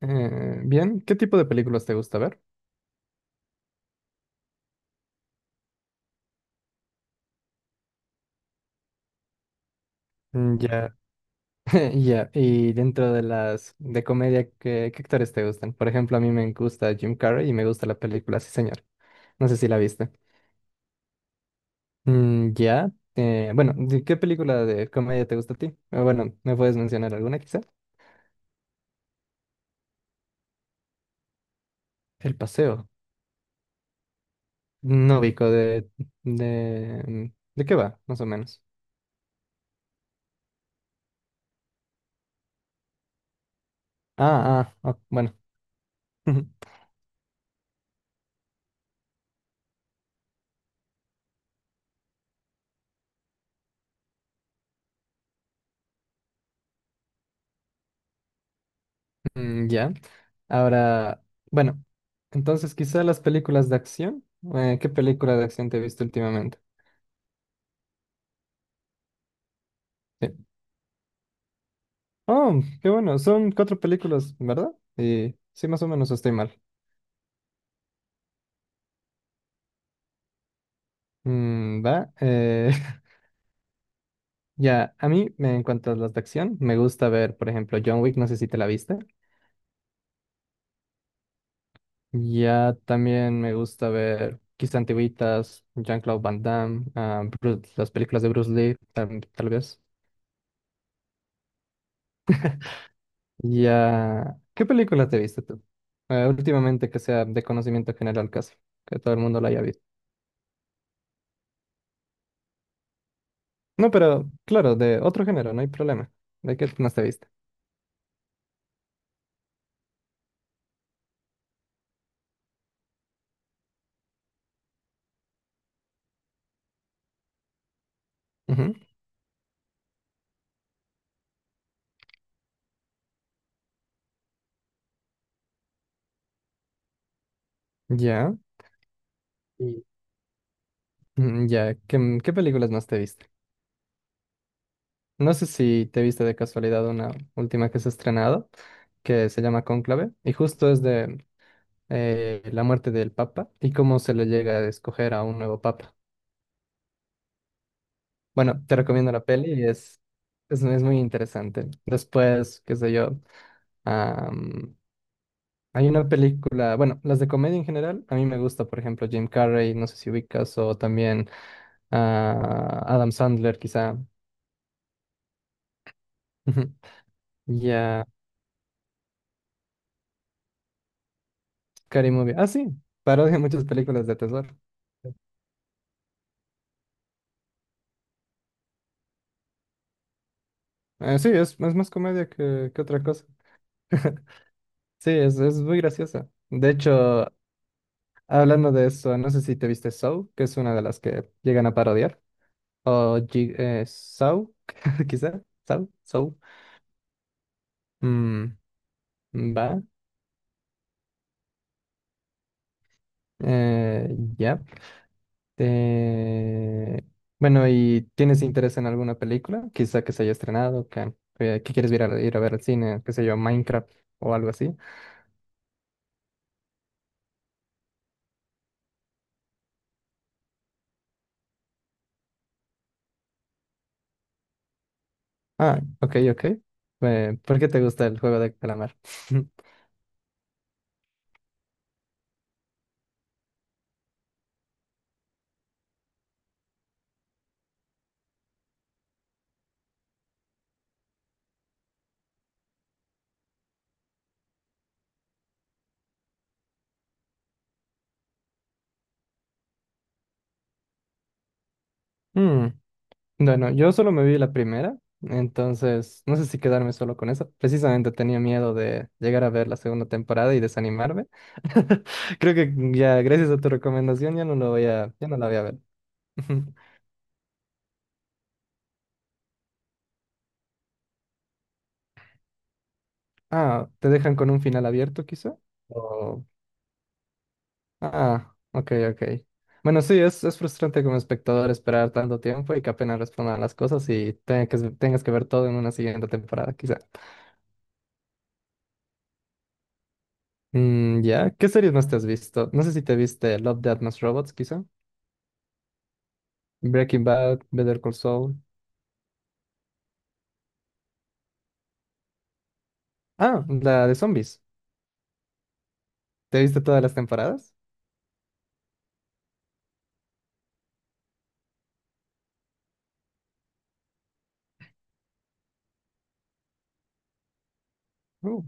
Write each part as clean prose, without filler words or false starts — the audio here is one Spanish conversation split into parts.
Bien, ¿qué tipo de películas te gusta ver? Mm, ya, ya. Y dentro de las de comedia, ¿qué actores te gustan? Por ejemplo, a mí me gusta Jim Carrey y me gusta la película Sí, señor. No sé si la viste. Mm, ya. Bueno, ¿de ¿qué película de comedia te gusta a ti? Bueno, ¿me puedes mencionar alguna quizá? El paseo. No ubico de, ¿de qué va, más o menos? Ah, ah, ok, bueno. Mm, ya. Ahora, bueno, entonces quizá las películas de acción. ¿Qué película de acción te he visto últimamente? Sí. Oh, qué bueno, son cuatro películas, ¿verdad? Y sí, más o menos estoy mal. Mm, va. Ya, a mí, en cuanto a las de acción, me gusta ver, por ejemplo, John Wick, no sé si te la viste. Ya también me gusta ver quizá antiguitas, Jean-Claude Van Damme, ah, las películas de Bruce Lee, tal vez. Ya, ¿qué película te viste tú? Últimamente que sea de conocimiento general casi, que todo el mundo la haya visto. No, pero claro, de otro género, no hay problema. ¿De qué más te viste? Ujú, ya, Y- ya, ¿qué películas más te viste? No sé si te viste de casualidad una última que se ha estrenado, que se llama Cónclave, y justo es de la muerte del Papa y cómo se le llega a escoger a un nuevo Papa. Bueno, te recomiendo la peli y es... es muy interesante. Después, qué sé yo. Am, Hay una película, bueno, las de comedia en general, a mí me gusta, por ejemplo, Jim Carrey, no sé si ubicas, o también ah, Adam Sandler, quizá. Ya, Scary Movie. Ah, sí, parodia muchas películas de terror. Sí, es más comedia que otra cosa. Sí, es muy graciosa. De hecho, hablando de eso, no sé si te viste Saw, que es una de las que llegan a parodiar, o Saw, quizá, Saw, Saw. Mm, va. Ya. Eh, bueno, ¿y tienes interés en alguna película? Quizá que se haya estrenado, que quieres ir a, ir a ver al cine, qué sé yo, Minecraft o algo así. Ah, ok, ok. ¿Por qué te gusta el juego de calamar? Mm, bueno, yo solo me vi la primera, entonces no sé si quedarme solo con eso. Precisamente tenía miedo de llegar a ver la segunda temporada y desanimarme. Creo que ya, gracias a tu recomendación, ya no lo voy a, ya no la voy a ver. Ah, ¿te dejan con un final abierto quizá? O... Ah, ok, ok. Bueno, sí, es frustrante como espectador esperar tanto tiempo y que apenas respondan las cosas y tenga tengas que ver todo en una siguiente temporada quizá. Mm, ya, ¿qué series más te has visto? No sé si te viste Love, Death Más Robots quizá. Breaking Bad, Better Call Saul. Ah, la de zombies. ¿Te viste todas las temporadas? Uh,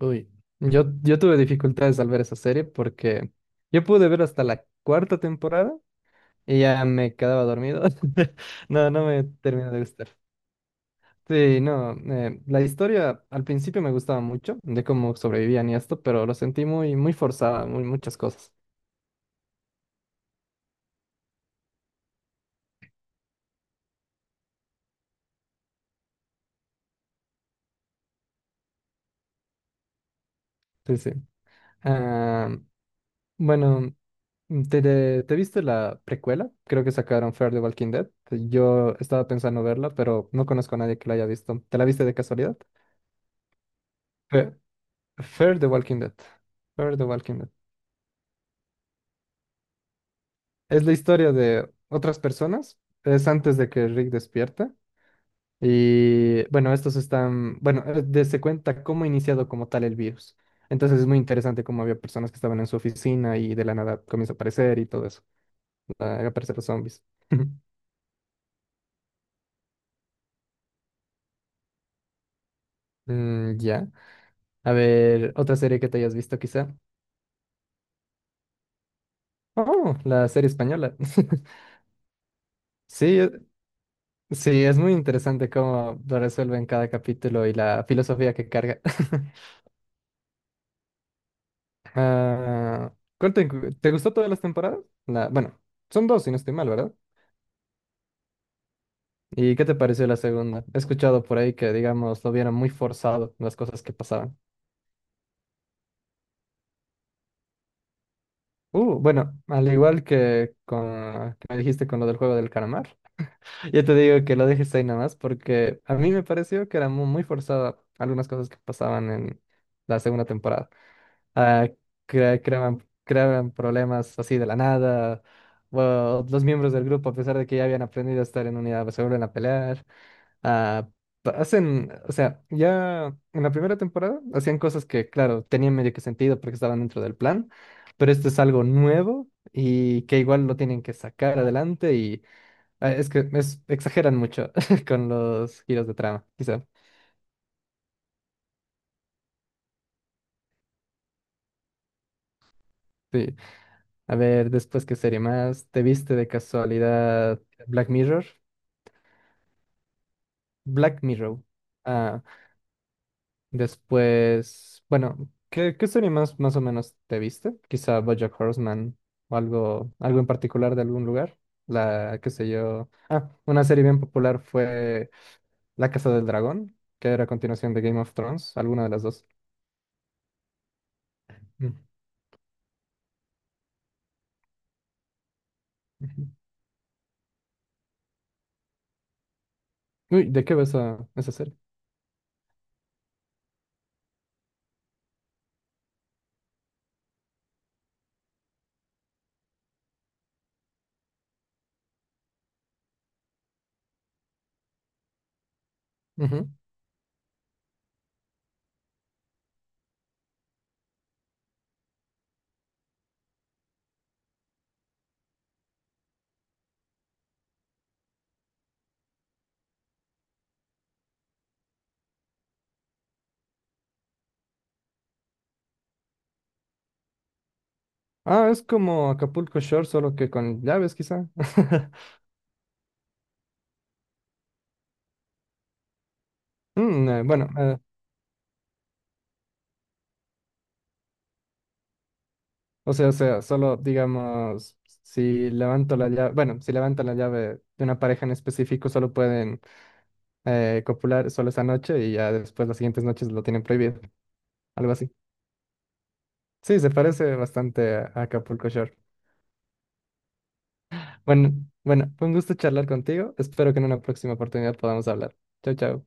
uy. Yo tuve dificultades al ver esa serie porque yo pude ver hasta la cuarta temporada y ya me quedaba dormido. No, no me termina de gustar. Sí, no, la historia al principio me gustaba mucho, de cómo sobrevivían y esto, pero lo sentí muy, muy forzada, muy, muchas cosas. Sí, sí. Ah, bueno, ¿te viste la precuela? Creo que sacaron Fear the Walking Dead. Yo estaba pensando verla, pero no conozco a nadie que la haya visto. ¿Te la viste de casualidad? Fe- Fear the Walking Dead. Fear the Walking Dead. Es la historia de otras personas. Es antes de que Rick despierta. Y bueno, estos están, bueno, se cuenta cómo ha iniciado como tal el virus. Entonces es muy interesante cómo había personas que estaban en su oficina y de la nada comienza a aparecer y todo eso. A aparecer los zombies. Mm, ya. A ver, otra serie que te hayas visto quizá. Oh, la serie española. Sí, sí, es muy interesante cómo lo resuelven cada capítulo y la filosofía que carga. Ah, ¿cuál te gustó todas las temporadas? La, bueno, son dos, si no estoy mal, ¿verdad? ¿Y qué te pareció la segunda? He escuchado por ahí que, digamos, lo vieron muy forzado las cosas que pasaban. Bueno, al igual que con que me dijiste con lo del juego del calamar, yo te digo que lo dejes ahí nada más porque a mí me pareció que eran muy, muy forzadas algunas cosas que pasaban en la segunda temporada. ah, Creaban creaban problemas así de la nada. O los miembros del grupo, a pesar de que ya habían aprendido a estar en unidad, se vuelven a pelear. ah, Hacen, o sea, ya en la primera temporada hacían cosas que, claro, tenían medio que sentido porque estaban dentro del plan, pero esto es algo nuevo y que igual lo tienen que sacar adelante y es que exageran mucho con los giros de trama, quizá. Sí. A ver, después, ¿qué serie más? ¿Te viste de casualidad Black Mirror? Black Mirror. Ah, después, bueno, ¿qué serie más, más o menos te viste? Quizá BoJack Horseman o algo, algo en particular de algún lugar. La, qué sé yo. Ah, una serie bien popular fue La Casa del Dragón, que era a continuación de Game of Thrones, alguna de las dos. Mm, ujú. Uy, ¿de qué ves esa, esa serie? Ujú. Ah, es como Acapulco Shore, solo que con llaves, quizá. Mm, bueno, o sea, o sea, solo digamos, si levanto la llave, bueno, si levantan la llave de una pareja en específico, solo pueden copular solo esa noche y ya después las siguientes noches lo tienen prohibido, algo así. Sí, se parece bastante a Acapulco Shore. Bueno, bueno, fue un gusto charlar contigo. Espero que en una próxima oportunidad podamos hablar. Chao, chao.